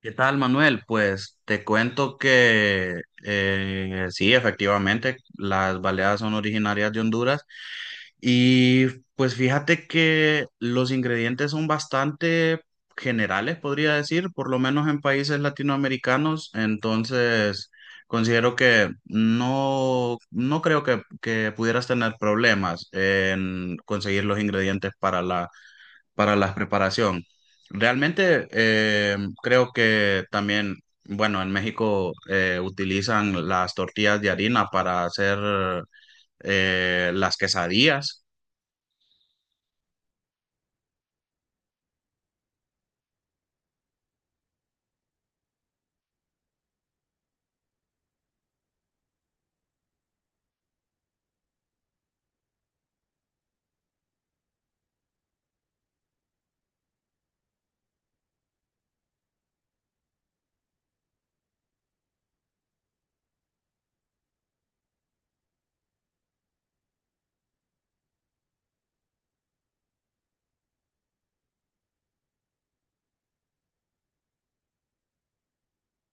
¿Qué tal, Manuel? Pues te cuento que sí, efectivamente, las baleadas son originarias de Honduras y pues fíjate que los ingredientes son bastante generales, podría decir, por lo menos en países latinoamericanos. Entonces considero que no, no creo que, pudieras tener problemas en conseguir los ingredientes para la preparación. Realmente creo que también, bueno, en México utilizan las tortillas de harina para hacer las quesadillas.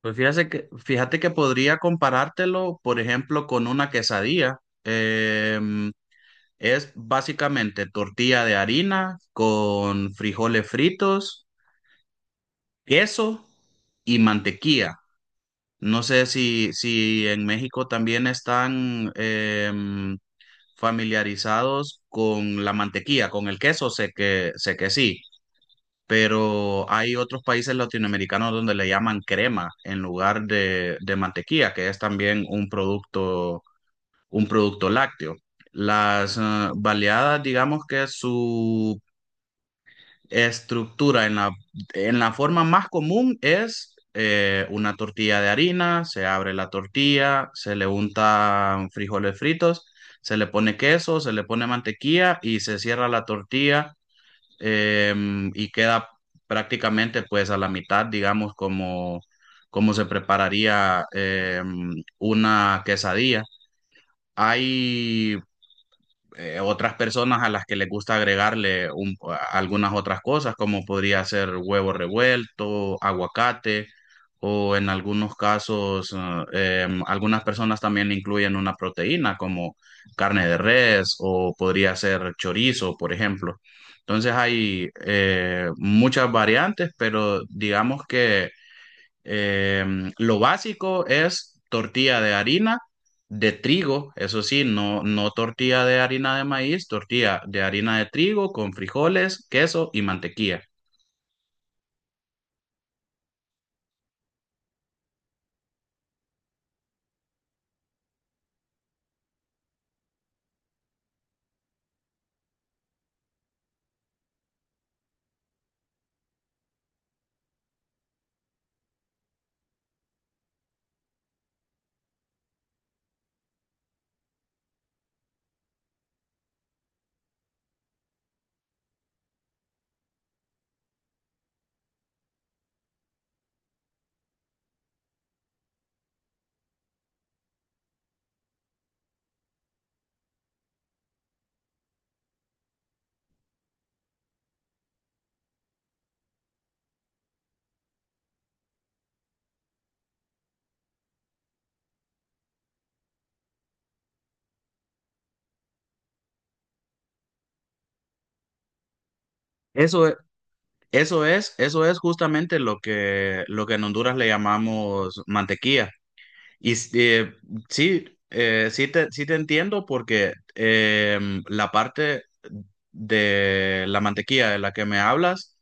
Pues fíjate que podría comparártelo, por ejemplo, con una quesadilla. Em, es básicamente tortilla de harina con frijoles fritos, queso y mantequilla. No sé si en México también están familiarizados con la mantequilla, con el queso. Sé que sí, pero hay otros países latinoamericanos donde le llaman crema en lugar de mantequilla, que es también un producto lácteo. Las baleadas, digamos que su estructura en en la forma más común es una tortilla de harina. Se abre la tortilla, se le untan frijoles fritos, se le pone queso, se le pone mantequilla y se cierra la tortilla y queda prácticamente pues a la mitad, digamos, como, como se prepararía una quesadilla. Hay otras personas a las que les gusta agregarle algunas otras cosas, como podría ser huevo revuelto, aguacate, o en algunos casos, algunas personas también incluyen una proteína como carne de res, o podría ser chorizo, por ejemplo. Entonces hay muchas variantes, pero digamos que lo básico es tortilla de harina de trigo, eso sí, no, no tortilla de harina de maíz, tortilla de harina de trigo con frijoles, queso y mantequilla. Eso, e- eso es justamente lo que en Honduras le llamamos mantequilla. Y sí, sí te entiendo porque la parte de la mantequilla de la que me hablas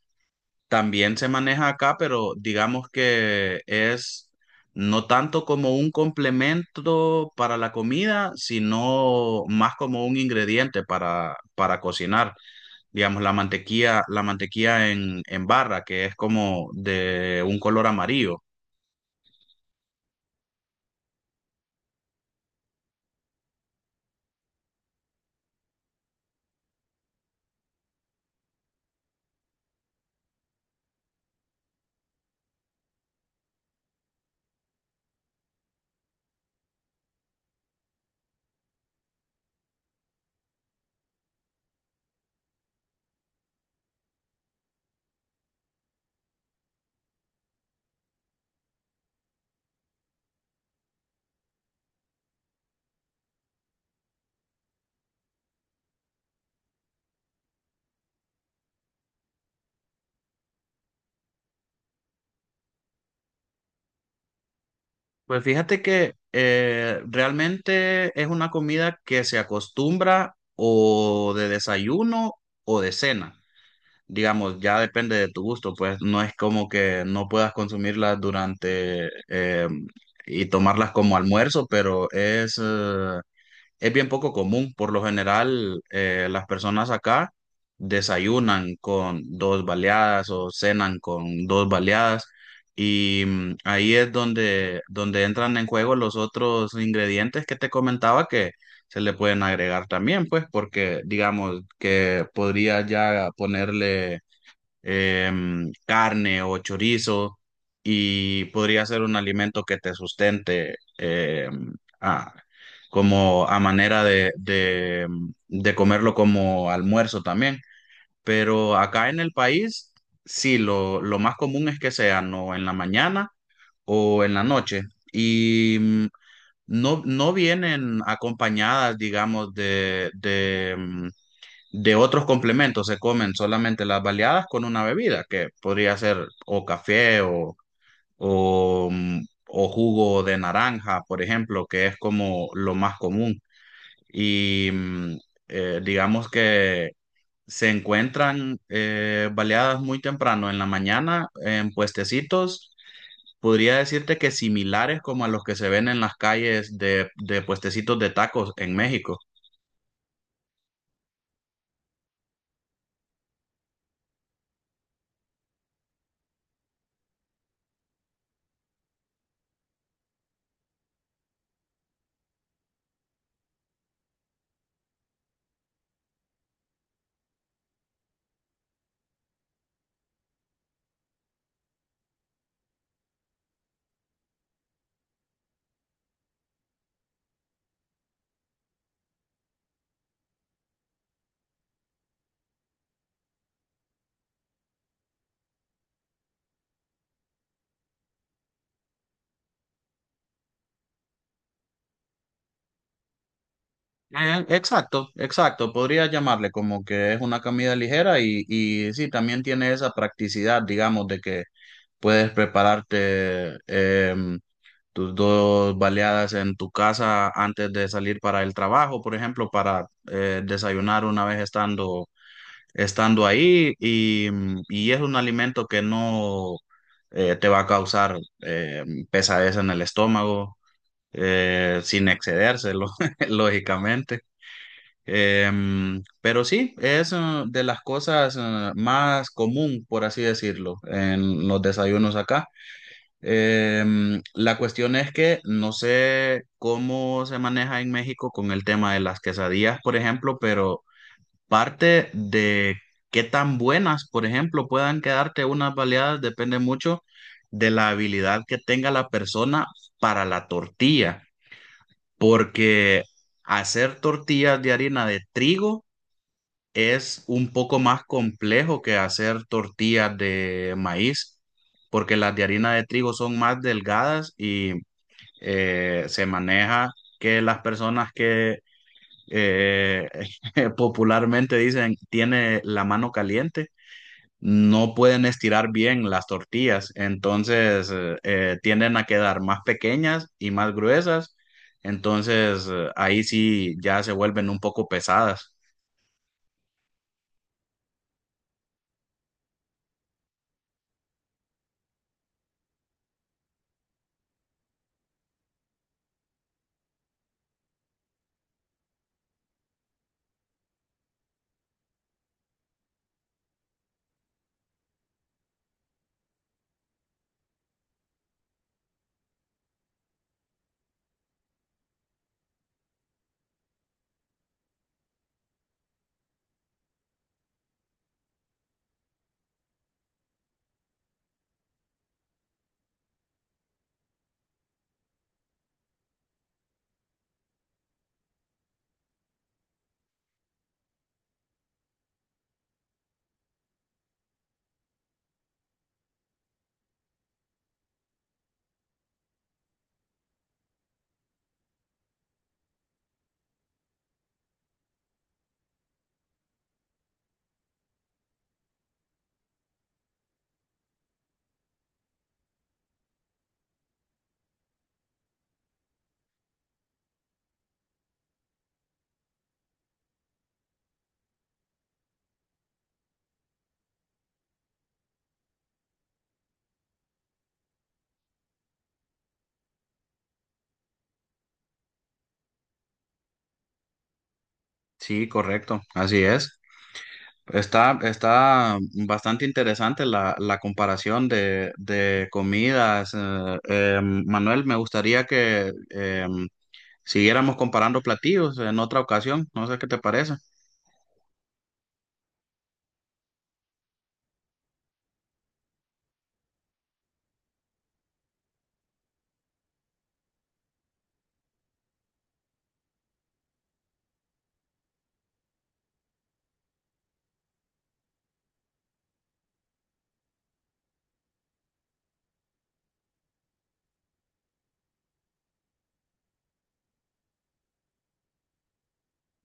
también se maneja acá, pero digamos que es no tanto como un complemento para la comida, sino más como un ingrediente para cocinar. Digamos, la mantequilla en barra, que es como de un color amarillo. Pues fíjate que realmente es una comida que se acostumbra o de desayuno o de cena. Digamos, ya depende de tu gusto, pues no es como que no puedas consumirlas durante y tomarlas como almuerzo, pero es bien poco común. Por lo general, las personas acá desayunan con dos baleadas o cenan con dos baleadas. Y ahí es donde, donde entran en juego los otros ingredientes que te comentaba que se le pueden agregar también, pues, porque digamos que podría ya ponerle carne o chorizo, y podría ser un alimento que te sustente a- como a manera de comerlo como almuerzo también. Pero acá en el país, sí, lo más común es que sean o en la mañana o en la noche. Y no, no vienen acompañadas, digamos, de otros complementos. Se comen solamente las baleadas con una bebida, que podría ser o café o, mm, o jugo de naranja, por ejemplo, que es como lo más común. Y digamos que se encuentran baleadas muy temprano en la mañana en puestecitos. Podría decirte que similares como a los que se ven en las calles de puestecitos de tacos en México. Exacto, exacto. Podría llamarle como que es una comida ligera y sí, también tiene esa practicidad, digamos, de que puedes prepararte tus dos baleadas en tu casa antes de salir para el trabajo, por ejemplo, para desayunar una vez estando ahí, y y es un alimento que no te va a causar pesadez en el estómago, sin excedérselo, lógicamente. Pero sí, es de las cosas más común, por así decirlo, en los desayunos acá. La cuestión es que no sé cómo se maneja en México con el tema de las quesadillas, por ejemplo, pero parte de qué tan buenas, por ejemplo, puedan quedarte unas baleadas depende mucho de la habilidad que tenga la persona para la tortilla, porque hacer tortillas de harina de trigo es un poco más complejo que hacer tortillas de maíz, porque las de harina de trigo son más delgadas y se maneja que las personas que eh, popularmente dicen tiene la mano caliente, no pueden estirar bien las tortillas. Entonces tienden a quedar más pequeñas y más gruesas, entonces ahí sí ya se vuelven un poco pesadas. Sí, correcto, así es. Está, está bastante interesante la, la comparación de comidas. Manuel, me gustaría que siguiéramos comparando platillos en otra ocasión. No sé qué te parece.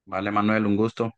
Vale, Manuel, un gusto.